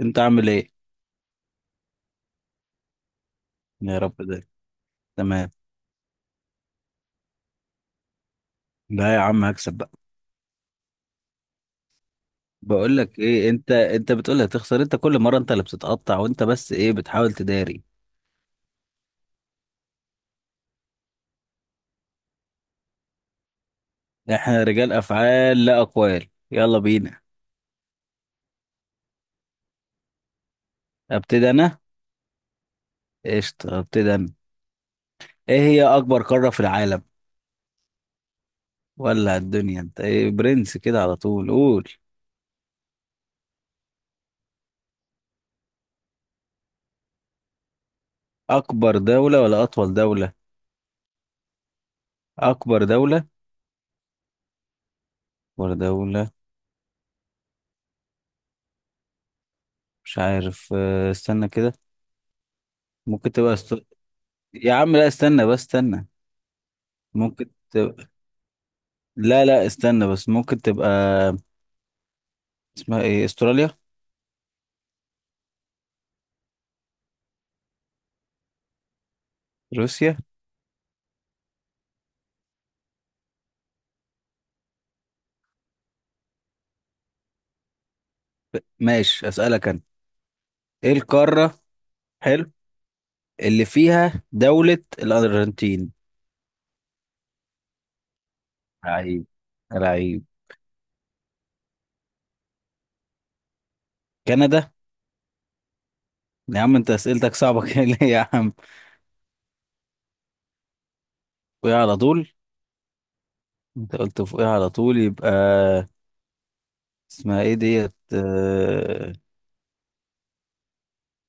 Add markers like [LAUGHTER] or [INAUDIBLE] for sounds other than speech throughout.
انت عامل ايه؟ يا رب ده. تمام. لا يا عم، هكسب بقى. بقول لك ايه، انت بتقول هتخسر، انت كل مره انت اللي بتتقطع وانت بس ايه بتحاول تداري. احنا رجال افعال لا اقوال، يلا بينا. ابتدي انا. قشطه، ابتدي انا. ايه هي اكبر قاره في العالم ولا الدنيا؟ انت ايه برنس كده على طول؟ قول اكبر دوله ولا اطول دوله؟ اكبر دوله ولا دوله؟ مش عارف، استنى كده. ممكن تبقى يا عم لا، استنى بس، استنى. ممكن. لا لا، استنى بس، ممكن تبقى اسمها ايه، استراليا. روسيا. ماشي، اسألك انا. ايه القارة؟ حلو، اللي فيها دولة الأرجنتين. لعيب، لعيب. كندا. يا عم انت اسئلتك صعبة [LAUGHS] كده ليه يا عم؟ فوقيها على طول. انت قلت فوقيها على طول، يبقى اسمها ايه ديت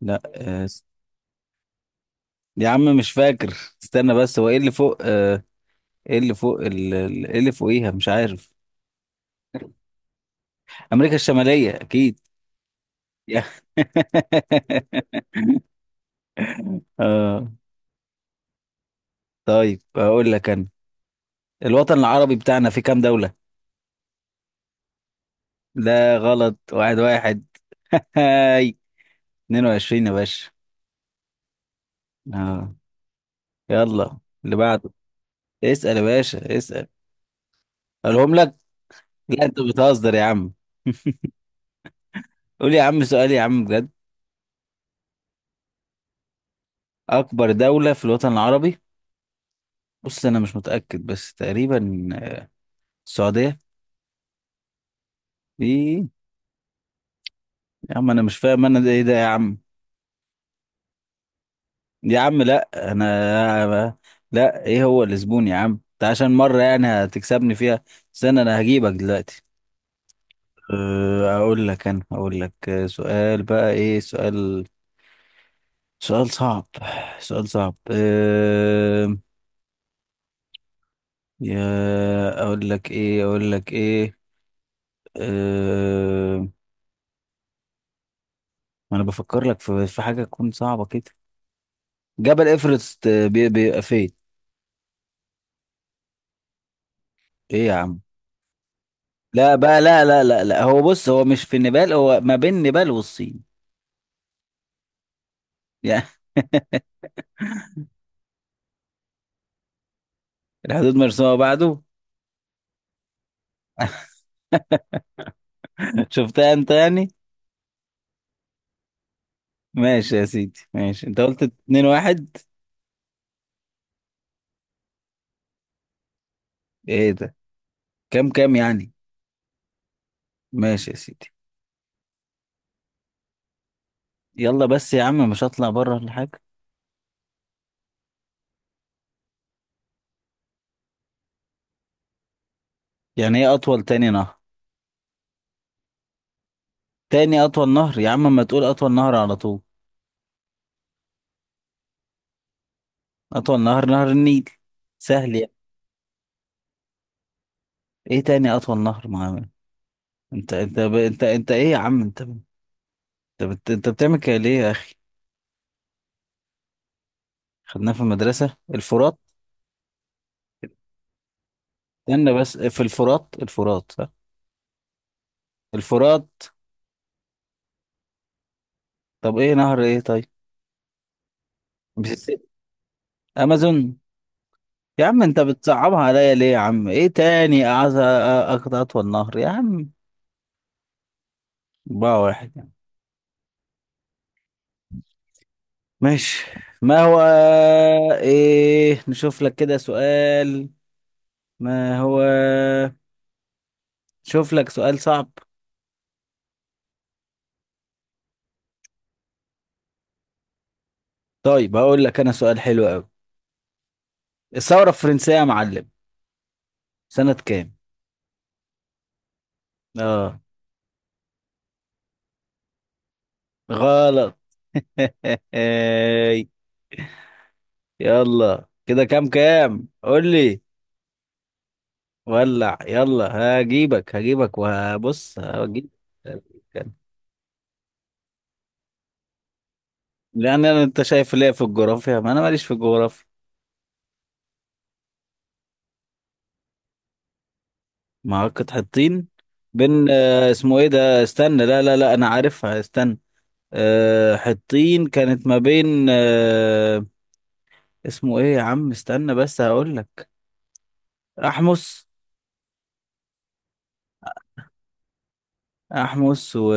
لا، يا عم مش فاكر. استنى بس، هو ايه اللي فوق؟ ايه اللي فوق ايه اللي فوقيها؟ مش عارف. امريكا الشمالية اكيد. يا- [LAUGHS] اه. طيب اقول لك انا، الوطن العربي بتاعنا في كام دولة؟ لا غلط، واحد. [LAUGHS] هاي، 22 يا باشا. اه، يلا اللي بعده. اسأل يا باشا، اسأل. اقولهم لك؟ لا انت بتهزر يا عم، قول يا عم سؤال يا عم بجد. اكبر دولة في الوطن العربي، بص انا مش متأكد، بس تقريبا السعودية. ايه؟ يا عم انا مش فاهم، انا ده ايه ده يا عم؟ يا عم لا انا، لا ايه هو الزبون يا عم؟ انت عشان مرة يعني هتكسبني فيها؟ استنى، انا هجيبك دلوقتي. اقول لك انا، اقول لك سؤال بقى، ايه سؤال؟ سؤال صعب، سؤال صعب. اقول لك ايه اقول لك ايه، أه، ما انا بفكر لك في حاجة تكون صعبة كده. جبل ايفرست بيبقى فين؟ ايه يا عم؟ لا بقى، لا، هو بص، هو مش في النيبال، هو ما بين نيبال والصين يعني. [LAUGHS] الحدود مرسومة بعده. [LAUGHS] شفتها انت يعني؟ ماشي يا سيدي، ماشي، انت قلت اتنين واحد. ايه ده؟ كام كام يعني؟ ماشي يا سيدي. يلا بس يا عم، مش هطلع بره ولا حاجة. يعني ايه اطول تاني نهر؟ تاني اطول نهر؟ يا عم ما تقول اطول نهر على طول. اطول نهر نهر النيل. سهل يعني. ايه تاني اطول نهر معانا؟ انت ايه يا عم؟ انت بتعمل كده ليه يا اخي؟ خدناه في المدرسة الفرات. استنى بس، في الفرات، الفرات صح. الفرات. طب ايه نهر ايه طيب؟ ميسيسيبي. امازون. يا عم انت بتصعبها عليا ليه يا عم؟ ايه تاني اعز اخد اطول نهر يا عم؟ بقى واحد يعني. ماشي. ما هو، ايه نشوف لك كده سؤال. ما هو، شوف لك سؤال صعب. طيب هقول لك انا سؤال حلو قوي. الثورة الفرنسية يا معلم، سنة كام؟ اه. غلط. [LAUGHS] يلا كده كام كام قول لي. ولع، يلا هجيبك، هجيبك وهبص، هجيب. لان انا، انت شايف ليه في الجغرافيا؟ ما انا ماليش في الجغرافيا. معركة حطين بين اسمه ايه ده؟ استنى لا لا لا، انا عارفها، استنى. حطين كانت ما بين اسمه ايه يا عم؟ استنى بس هقول لك. احمس. احمس و،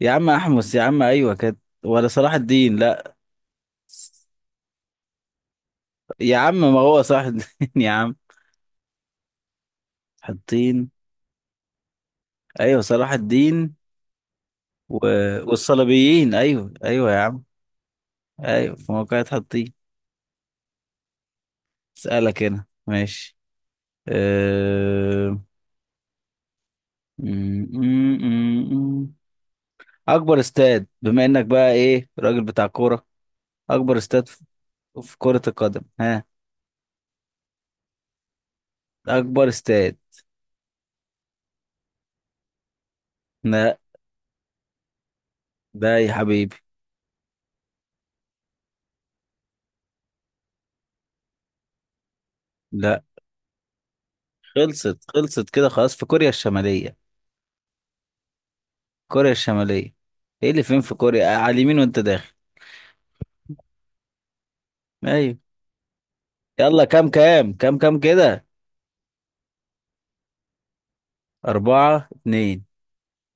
يا عم احمس يا عم، ايوه كانت ولا صلاح الدين؟ لا يا عم، ما هو صلاح الدين [LAUGHS] يا عم، حطين. ايوه، صلاح الدين و... والصليبيين، ايوه ايوه يا عم. ايوه في موقع حطين. اسالك هنا ماشي. أه... م- م- م- م. اكبر استاد، بما انك بقى ايه، راجل بتاع كوره، اكبر استاد في في كرة القدم، ها؟ اكبر استاد. لا. ده يا حبيبي، لا. خلصت، خلصت كده خلاص، في كوريا الشمالية. كوريا الشمالية، ايه اللي فين في كوريا على اليمين وانت داخل. ايوه. يلا كام كام كام كام كده؟ أربعة اتنين.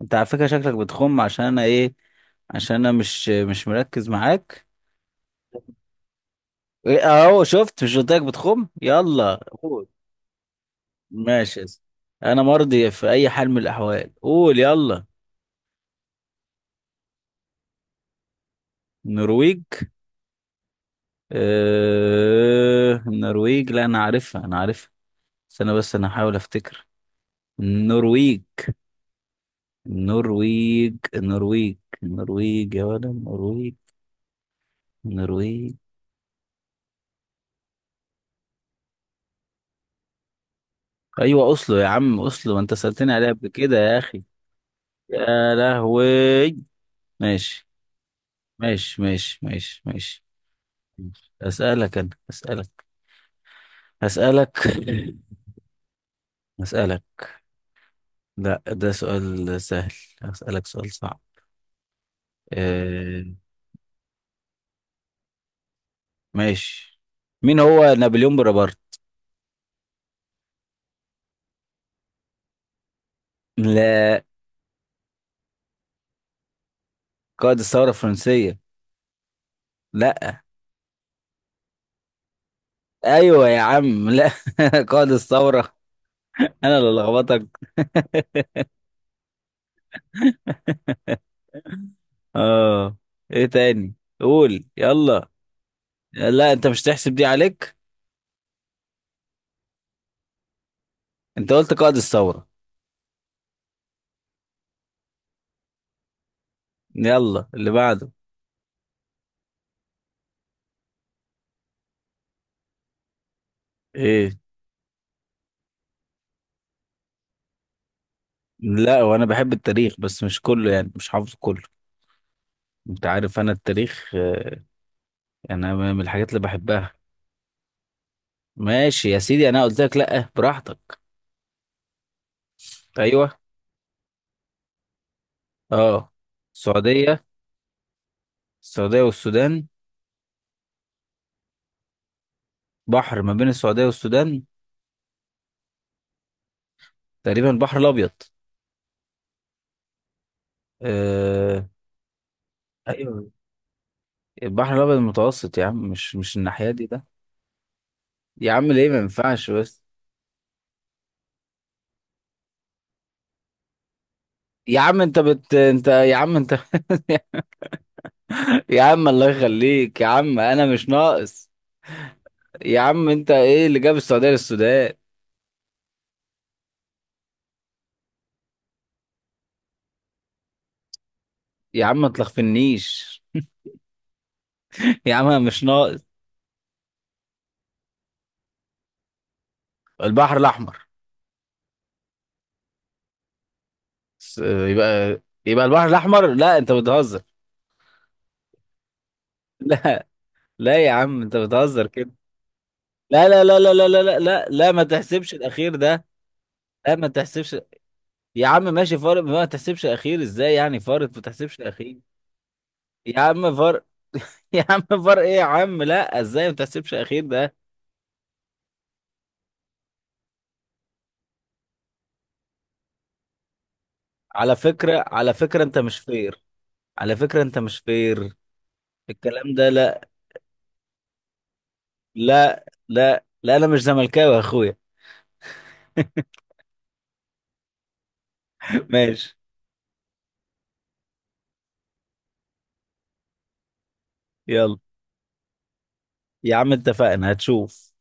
انت على فكرة شكلك بتخم، عشان انا ايه؟ عشان انا مش مركز معاك. ايه اهو شفت؟ مش قلت لك بتخم؟ يلا قول. ماشي يا اسطى. انا مرضي في اي حال من الاحوال، قول يلا. النرويج؟ اه... النرويج، لا انا عارفها، انا عارفها. استنى بس انا هحاول افتكر. النرويج، النرويج، النرويج، النرويج يا ولد، النرويج، النرويج. ايوه اصله يا عم، اصله ما انت سألتني عليها قبل كده يا اخي. يا لهوي، ماشي ماشي ماشي. أسألك أنا، أسألك. أسألك [LAUGHS] أسألك. لا ده سؤال سهل. أسألك سؤال صعب. آه، ماشي. مين هو نابليون بونابرت؟ لا. قائد الثورة الفرنسية؟ لا. أيوة يا عم لا. [LAUGHS] قائد الثورة. أنا اللي لخبطك؟ آه. إيه تاني؟ قول يلا. لا أنت مش تحسب دي عليك. أنت قلت قائد الثورة. يلا اللي بعده. إيه؟ لا، وانا بحب التاريخ بس مش كله، يعني مش حافظ كله. انت عارف انا التاريخ يعني انا من الحاجات اللي بحبها. ماشي يا سيدي، انا قلت لك لا براحتك. ايوه، اه. السعوديه، السعوديه والسودان، بحر ما بين السعوديه والسودان، تقريبا البحر الابيض. آه... ايوه، البحر الابيض المتوسط يا عم، مش مش الناحيه دي ده. يا عم ليه ما ينفعش بس؟ يا عم انت يا عم انت [LAUGHS] يا عم الله يخليك يا عم، انا مش ناقص. يا عم انت ايه اللي جاب السعوديه للسودان؟ يا عم ما تلخفنيش. [LAUGHS] يا عم أنا مش ناقص. البحر الاحمر. يبقى، يبقى البحر الاحمر، لا انت بتهزر. [LAUGHS] لا، لا يا عم انت بتهزر كده. لا لا لا لا لا لا لا لا, لا، ما تحسبش الاخير ده. لا ما تحسبش. يا عم ماشي، فارق، ما تحسبش الاخير، ازاي يعني فارق ما تحسبش الاخير؟ يا عم فارق. [LAUGHS] يا عم فارق، ايه يا عم لا، ازاي ما تحسبش الاخير ده؟ على فكره، على فكره انت مش فير. على فكره انت مش فير. الكلام ده لا. لا، انا مش زملكاوي يا اخويا. [LAUGHS] ماشي. يلا يا عم اتفقنا، هتشوف.